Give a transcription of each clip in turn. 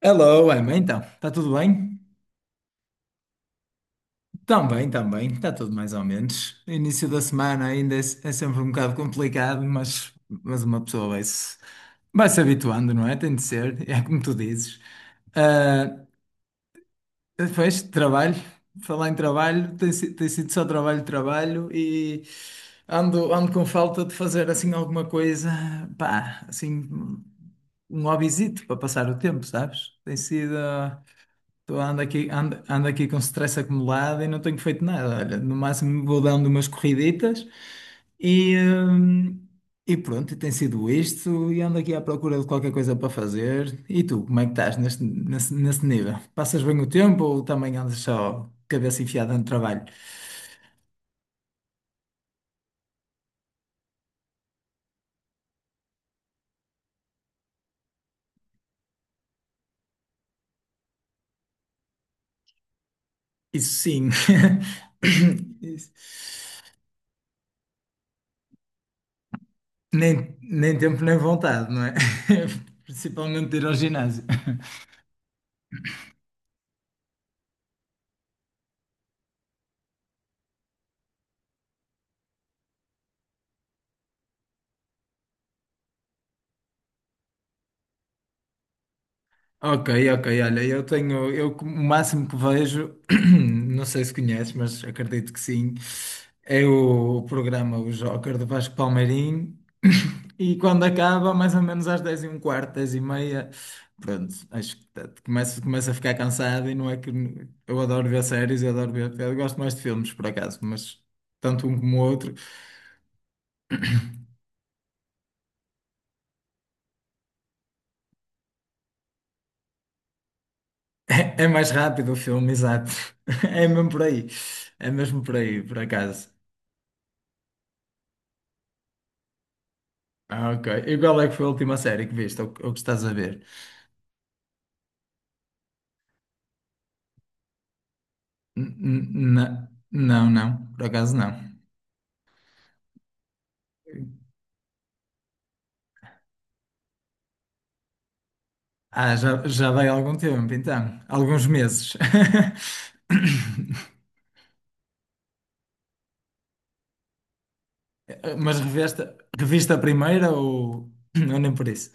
Hello, Emma, então, está tudo bem? Também, também, está tudo mais ou menos. Início da semana ainda é sempre um bocado complicado, mas uma pessoa vai se habituando, não é? Tem de ser, é como tu dizes. Ah, depois, trabalho, falar em trabalho, tem sido só trabalho, trabalho e ando com falta de fazer assim alguma coisa, pá, assim, um hobbyzito para passar o tempo, sabes? Tem sido. Estou ando aqui, ando aqui com stress acumulado e não tenho feito nada. Olha, no máximo vou dando umas corriditas e, hum, e pronto, e tem sido isto. E ando aqui à procura de qualquer coisa para fazer. E tu, como é que estás neste, nesse nível? Passas bem o tempo ou também andas só cabeça enfiada no trabalho? Isso sim. Isso. Nem tempo nem vontade, não é? Principalmente de ir ao ginásio. Ok, ok, olha, eu o máximo que vejo, não sei se conheces, mas acredito que sim, é o programa O Joker do Vasco Palmeirim. E quando acaba, mais ou menos às 10h15, 10h30, pronto, acho que começo a ficar cansado e não é que eu adoro ver séries, eu gosto mais de filmes por acaso, mas tanto um como o outro, é mais rápido o filme, exato. É mesmo por aí, é mesmo por aí, por acaso. Ah, ok. E qual é que foi a última série que viste ou que estás a ver? N- n- Não, não, por acaso não. Ah, já, já vai há algum tempo, então. Alguns meses. Mas reviste a primeira, ou nem por isso?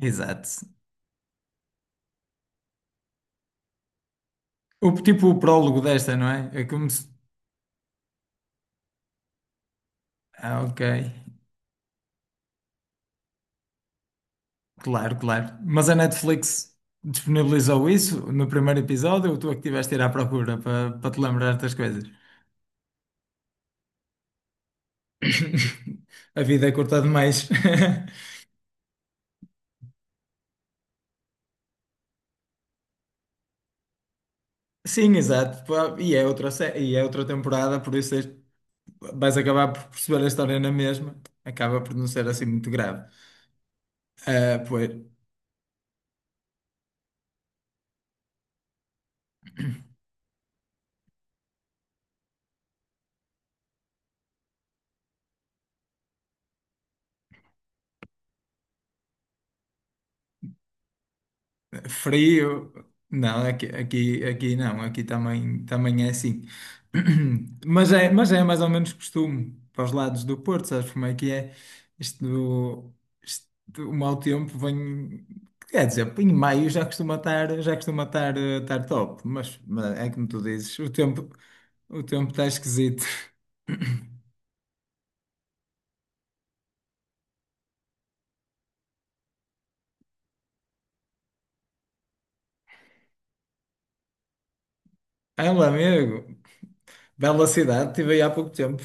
Exato. O, tipo o prólogo desta, não é? É como se. Ah, ok. Claro, claro. Mas a Netflix disponibilizou isso no primeiro episódio ou tu é que estiveste a ir à procura para te lembrar das coisas? A vida é curta demais. Sim, exato. Pá, E é outra, sé- e é outra temporada, por isso vais acabar por perceber a história na mesma. Acaba por não ser assim muito grave. Ah, pois. Frio? Não, aqui não, aqui também é assim. Mas é mais ou menos costume para os lados do Porto, sabes como é que é? Isto, do- o mau tempo vem. Quer dizer, em maio já costuma estar top, mas é como tu dizes, o tempo, está esquisito. Ah, meu amigo, bela cidade, estive aí há pouco tempo.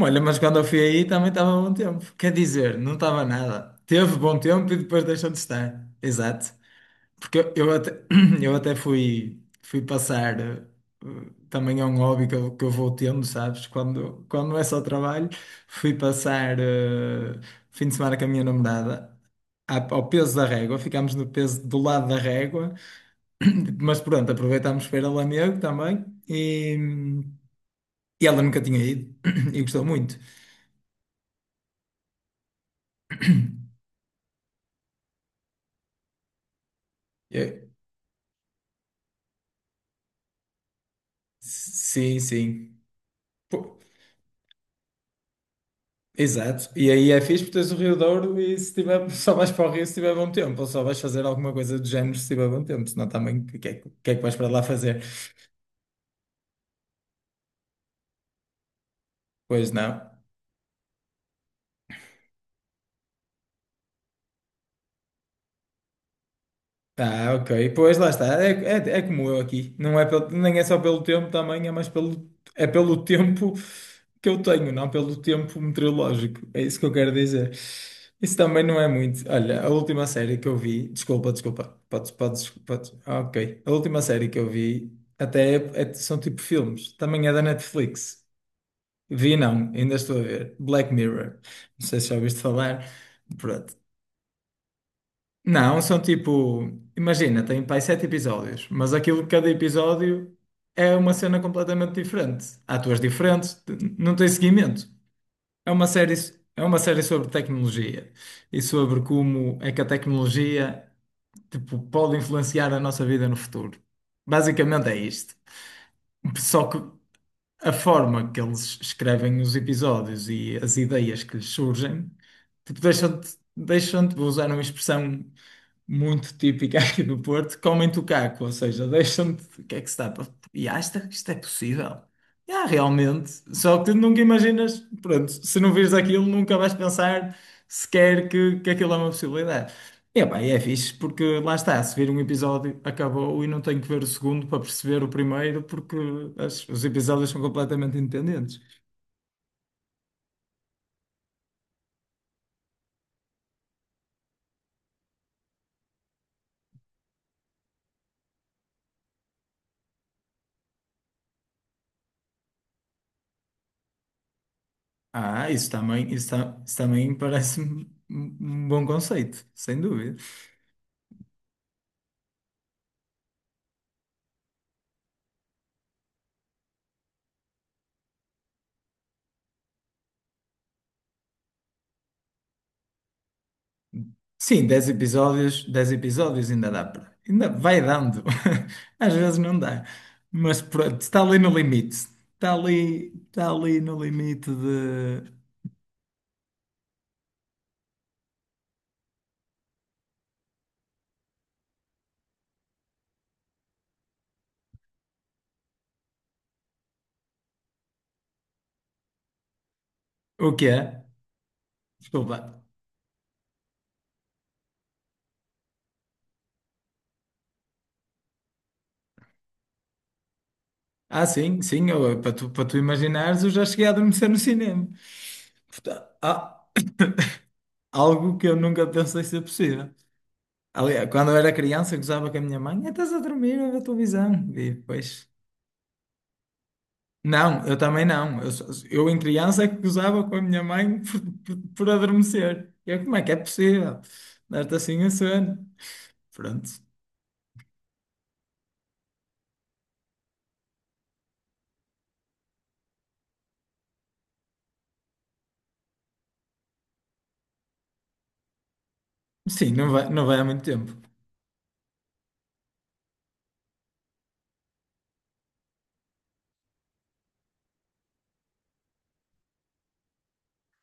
Olha, mas quando eu fui aí também estava bom tempo. Quer dizer, não estava nada. Teve bom tempo e depois deixou de estar. Exato. Porque eu eu até fui passar. Também é um hobby que eu vou tendo, sabes? Quando não é só trabalho, fui passar fim de semana com a minha namorada ao Peso da Régua. Ficámos no Peso do lado da Régua. Mas pronto, aproveitámos para ir a Lamego também. E e ela nunca tinha ido e gostou muito. Sim, sim. Pô, exato. E aí é fixe porque tens o Rio Douro e, se tiver, só vais para o rio se tiver bom tempo, ou só vais fazer alguma coisa do género se tiver bom tempo, senão também o que é que o que é que vais para lá fazer? Pois não. Ah, ok. Pois lá está. É como eu aqui. Não é nem é só pelo tempo também, é mais pelo, é pelo tempo que eu tenho, não pelo tempo meteorológico. É isso que eu quero dizer. Isso também não é muito. Olha, a última série que eu vi. Desculpa, desculpa. Podes, podes, podes. Ah, ok. A última série que eu vi até são tipo filmes. Também é da Netflix. Vi não, ainda estou a ver. Black Mirror. Não sei se já ouviste falar. Pronto. Não, são tipo, imagina, tem pai sete episódios, mas aquilo que cada episódio é uma cena completamente diferente. Há atores diferentes, não tem seguimento. É uma série, é uma série sobre tecnologia e sobre como é que a tecnologia, tipo, pode influenciar a nossa vida no futuro. Basicamente é isto. Só que a forma que eles escrevem os episódios e as ideias que lhes surgem, tipo, deixam-te, vou usar uma expressão muito típica aqui do Porto, comem-te o caco, ou seja, deixam-te, o que é que se dá para. Isto é possível. Realmente, só que tu nunca imaginas, pronto, se não vires aquilo, nunca vais pensar sequer que aquilo é uma possibilidade. É, pá, e é fixe porque lá está, se vir um episódio acabou e não tenho que ver o segundo para perceber o primeiro porque os episódios são completamente independentes. Ah, isso também parece-me um bom conceito, sem dúvida. Sim, dez episódios ainda dá para. Ainda vai dando. Às vezes não dá. Mas pronto, está ali no limite. Está ali no limite de. O que é? Desculpa. Ah, sim, sim, para tu imaginares, eu já cheguei a adormecer no cinema. Porta- ah, algo que eu nunca pensei ser possível. Aliás, quando eu era criança, eu gozava com a minha mãe, "Ah, estás a dormir a ver televisão." E depois, não, eu também não. Eu, eu em criança é que gozava com a minha mãe por adormecer. E eu, como é que é possível? Dar-te assim a sono. Pronto. Sim, não vai há muito tempo.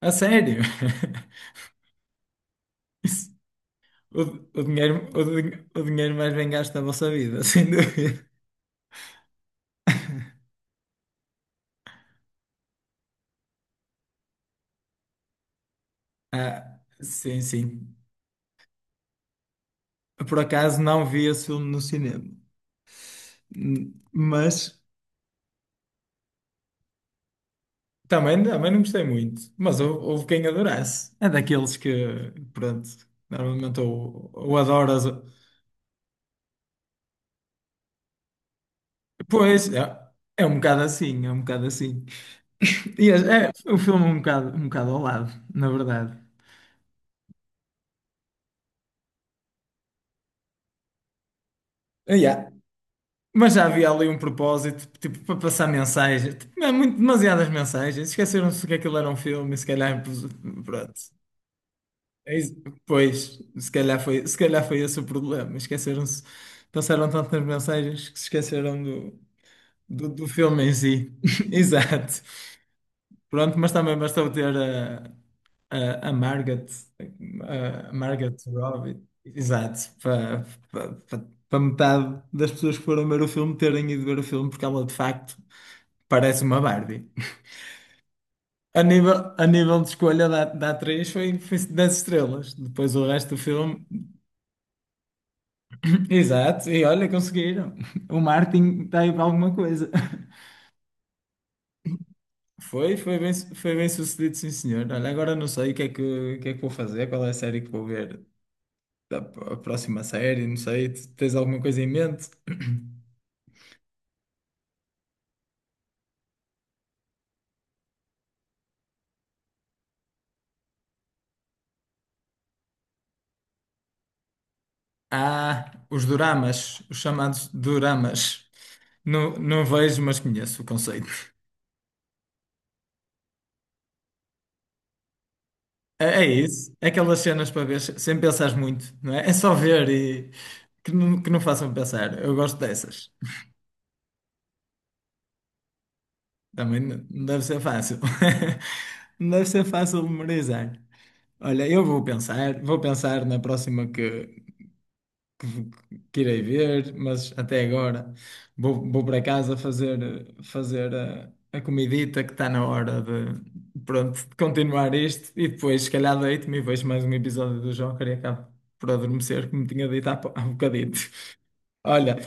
A sério. Isso- O, o dinheiro mais bem gasto da vossa vida, sem dúvida. Ah, sim, sim. Por acaso não vi esse filme no cinema. Mas também não gostei muito. Mas houve quem adorasse. É daqueles que, pronto, normalmente ou adoras, pois, é um bocado assim, é um bocado assim. E o filme é um bocado ao lado, na verdade. Ah, yeah. Mas já havia ali um propósito, tipo, para passar mensagens, tipo, é muito, demasiadas mensagens. Esqueceram-se que aquilo era um filme e se calhar, pronto. É isso. Pois, se calhar foi, se calhar foi esse o problema. Esqueceram-se, pensaram tanto nas mensagens que se esqueceram do filme em si. Exato. Pronto, mas também bastou ter a, a Margaret, a Margaret Robbie, exato, para metade das pessoas que foram ver o filme terem ido ver o filme, porque ela de facto parece uma Barbie. A nível de escolha da atriz foi 10 estrelas. Depois o resto do filme. Exato, e olha, conseguiram. O Martin está aí para alguma coisa. Foi bem sucedido, sim, senhor. Olha, agora não sei o que é que vou fazer, qual é a série que vou ver, a a próxima série, não sei. Tu tens alguma coisa em mente? Ah, os doramas, os chamados doramas. Não, não vejo, mas conheço o conceito. É isso, é aquelas cenas para ver sem pensar muito, não é? É só ver e que não façam pensar. Eu gosto dessas. Também não deve ser fácil. Não deve ser fácil memorizar. Olha, eu vou pensar na próxima que, que irei ver, mas até agora vou para casa fazer, fazer a comidita que está na hora de, pronto, de continuar isto e depois, se calhar, deito-me e vejo mais um episódio do Joker e acabo por adormecer, como tinha dito há bocadito. Olha,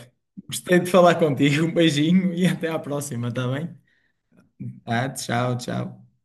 gostei de falar contigo, um beijinho e até à próxima, está bem? Tá? Tchau, tchau.